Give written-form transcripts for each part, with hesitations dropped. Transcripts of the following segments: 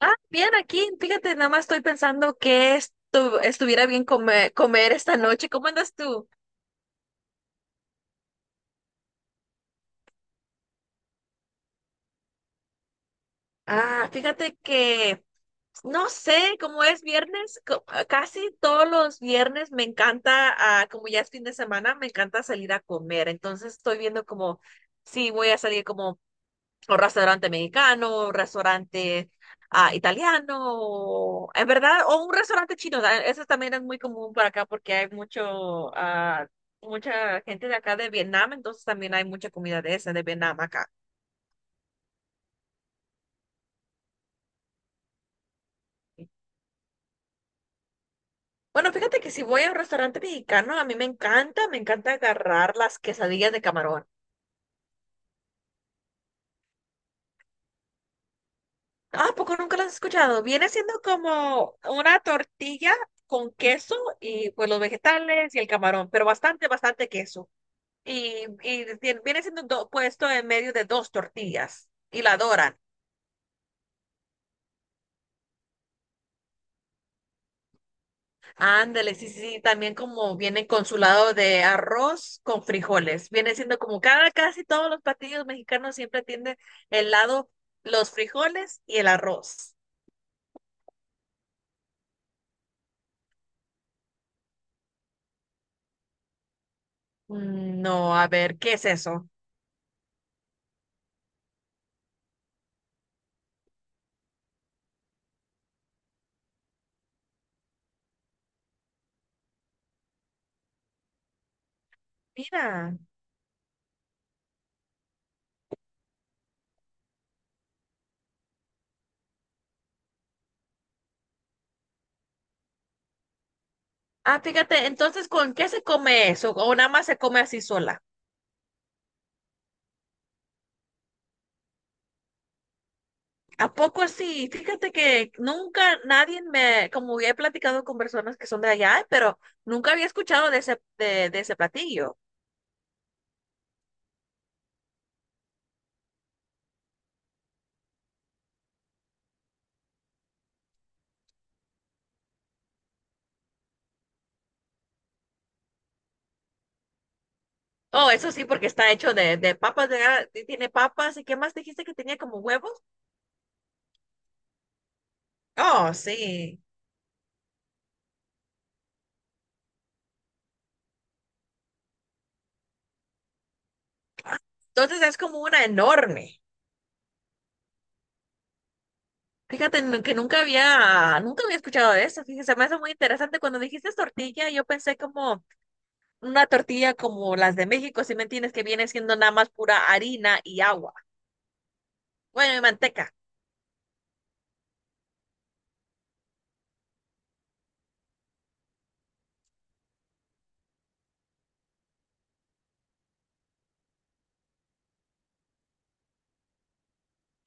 Ah, bien, aquí, fíjate, nada más estoy pensando que estuviera bien comer esta noche. ¿Cómo andas tú? Ah, fíjate que, no sé, como es viernes, casi todos los viernes me encanta, como ya es fin de semana, me encanta salir a comer. Entonces estoy viendo como, sí, voy a salir como un restaurante mexicano, un restaurante italiano, en verdad, o un restaurante chino. Eso también es muy común por acá porque hay mucho, ah, mucha gente de acá de Vietnam, entonces también hay mucha comida de esa, de Vietnam acá. Bueno, fíjate que si voy a un restaurante mexicano, a mí me encanta agarrar las quesadillas de camarón. Ah, ¿a poco nunca las has escuchado? Viene siendo como una tortilla con queso y pues los vegetales y el camarón, pero bastante, bastante queso. Y viene siendo puesto en medio de dos tortillas y la doran. Ándale, sí, sí, sí, también como viene con su lado de arroz con frijoles. Viene siendo como cada, casi todos los platillos mexicanos siempre tienen el lado, los frijoles y el arroz. Mm, no, a ver, ¿qué es eso? Mira. Ah, fíjate, entonces, ¿con qué se come eso? ¿O nada más se come así sola? ¿A poco así? Fíjate que nunca nadie me, como he platicado con personas que son de allá, pero nunca había escuchado de ese platillo. Oh, eso sí, porque está hecho de papas, de, y tiene papas, ¿y qué más dijiste que tenía como huevos? Oh, sí. Ah, entonces es como una enorme. Que nunca había, nunca había escuchado de eso. Fíjese, me hace muy interesante. Cuando dijiste tortilla, yo pensé como una tortilla como las de México, si me entiendes, que viene siendo nada más pura harina y agua. Bueno, y manteca.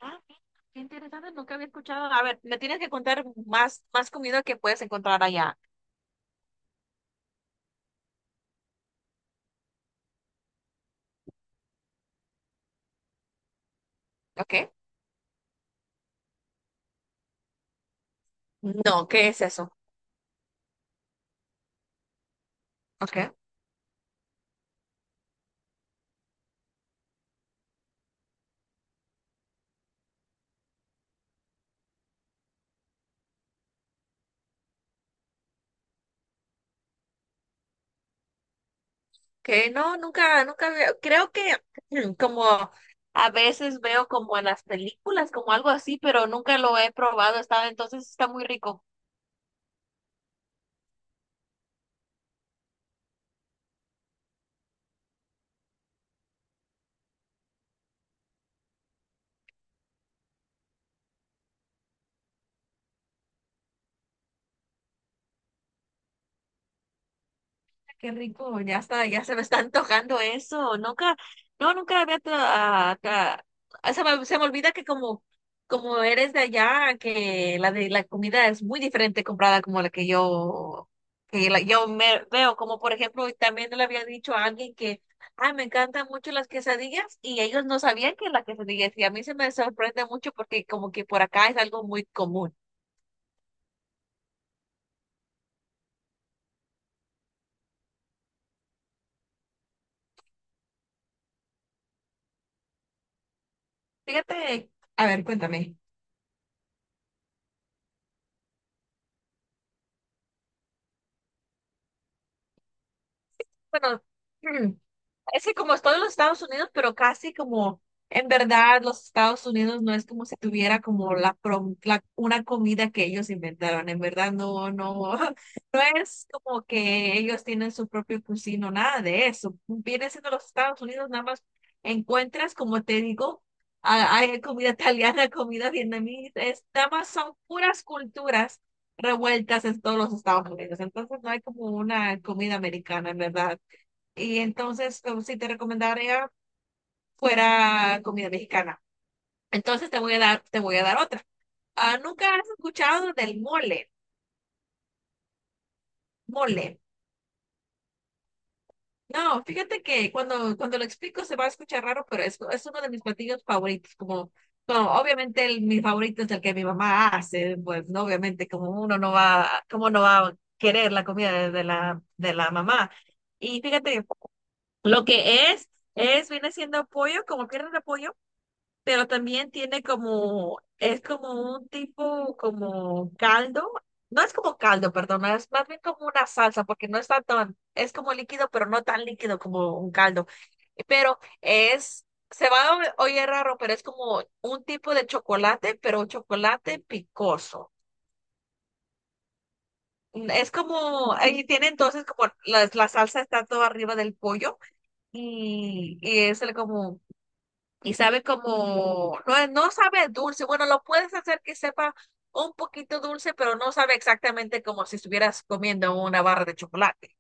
Ah, mira, qué interesante, nunca había escuchado. A ver, me tienes que contar más, más comida que puedes encontrar allá. ¿Ok? No, ¿qué es eso? ¿Ok? Que no, nunca, nunca había, creo que como a veces veo como en las películas, como algo así, pero nunca lo he probado. Está, entonces está muy rico. Qué rico, ya está, ya se me está antojando eso. Nunca, no, nunca había tra- ah, se me olvida que como, como eres de allá, que la de la comida es muy diferente comprada como la que yo, yo me veo, como por ejemplo, y también le había dicho a alguien que, ay, me encantan mucho las quesadillas, y ellos no sabían que las quesadillas, y a mí se me sorprende mucho porque como que por acá es algo muy común. Fíjate, a ver, cuéntame. Bueno, es que como están en los Estados Unidos, pero casi como en verdad los Estados Unidos no es como si tuviera como la, una comida que ellos inventaron. En verdad no, no, no es como que ellos tienen su propio cocino, nada de eso. Viene siendo los Estados Unidos, nada más encuentras, como te digo, hay comida italiana, comida vietnamita, es, nada más son puras culturas revueltas en todos los Estados Unidos. Entonces no hay como una comida americana, en verdad. Y entonces, como si te recomendaría fuera comida mexicana. Entonces te voy a dar otra. Ah, ¿nunca has escuchado del mole? Mole. No, fíjate que cuando lo explico se va a escuchar raro, pero es uno de mis platillos favoritos. Como, como obviamente el, mi favorito es el que mi mamá hace, pues no, obviamente como uno no va, como no va a querer la comida de la mamá. Y fíjate, lo que es, viene siendo pollo, como piernas de pollo pero también tiene como, es como un tipo como caldo, no es como caldo, perdón, no, es más bien como una salsa, porque no está tan, es como líquido, pero no tan líquido como un caldo, pero es, se va a oír raro, pero es como un tipo de chocolate, pero un chocolate picoso. Es como, ahí tiene entonces como la salsa está todo arriba del pollo y es el como como, no, no sabe dulce. Bueno, lo puedes hacer que sepa un poquito dulce, pero no sabe exactamente como si estuvieras comiendo una barra de chocolate.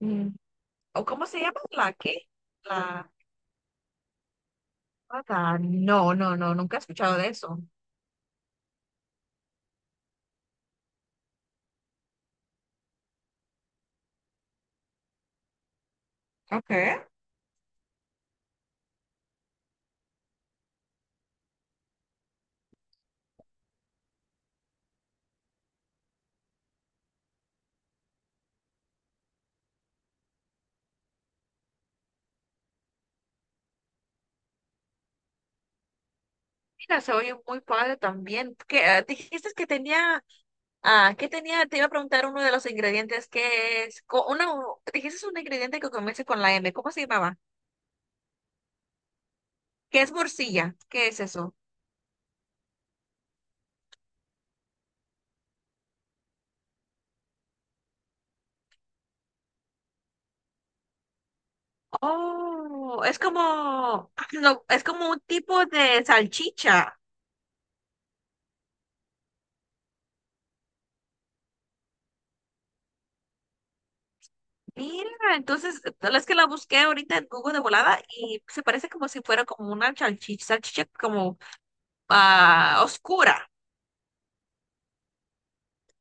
Mm, ¿o cómo se llama? ¿La qué? La nata. No, no, no, nunca he escuchado de eso. Okay. Mira, se oye muy padre también. ¿Qué, dijiste que tenía, que tenía, te iba a preguntar uno de los ingredientes que es, una, dijiste un ingrediente que comienza con la M, ¿cómo se llamaba? ¿Qué es morcilla? ¿Qué es eso? Oh, es como, no, es como un tipo de salchicha. Mira, entonces, tal es que la busqué ahorita en Google de volada y se parece como si fuera como una salchicha, salchicha como oscura.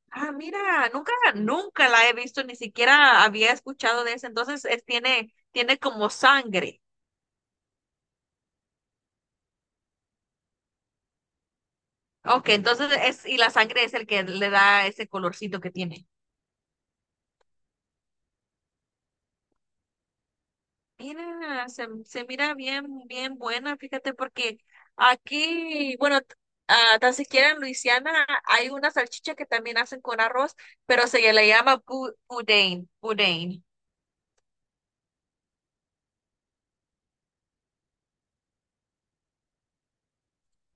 Ah, mira, nunca, nunca la he visto, ni siquiera había escuchado de eso. Entonces, tiene, tiene como sangre. Ok, entonces es, y la sangre es el que le da ese colorcito que tiene. Mira, se mira bien, bien buena, fíjate, porque aquí, bueno, tan siquiera en Luisiana hay una salchicha que también hacen con arroz, pero se le llama boudin, boudin.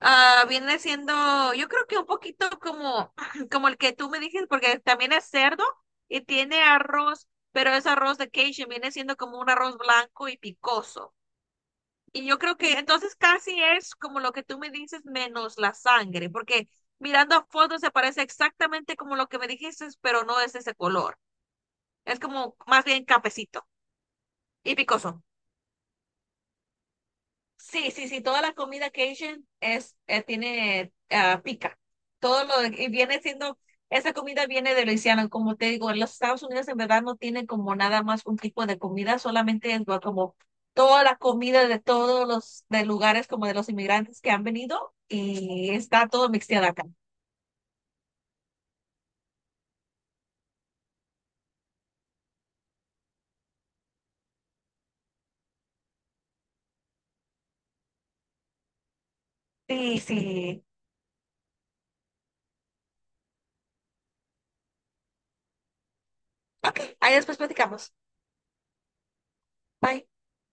Ah, viene siendo, yo creo que un poquito como, como el que tú me dijiste, porque también es cerdo y tiene arroz, pero es arroz de Cajun, viene siendo como un arroz blanco y picoso. Y yo creo que entonces casi es como lo que tú me dices menos la sangre, porque mirando fotos se parece exactamente como lo que me dijiste, pero no es ese color. Es como más bien cafecito y picoso. Sí, sí, sí, toda la comida Cajun es, tiene pica. Todo lo y viene siendo, esa comida viene de Luisiana, como te digo, en los Estados Unidos en verdad no tienen como nada más un tipo de comida, solamente es como toda la comida de todos los de lugares como de los inmigrantes que han venido y está todo mixteado acá. Sí, sí. Ok, ahí después platicamos. Bye.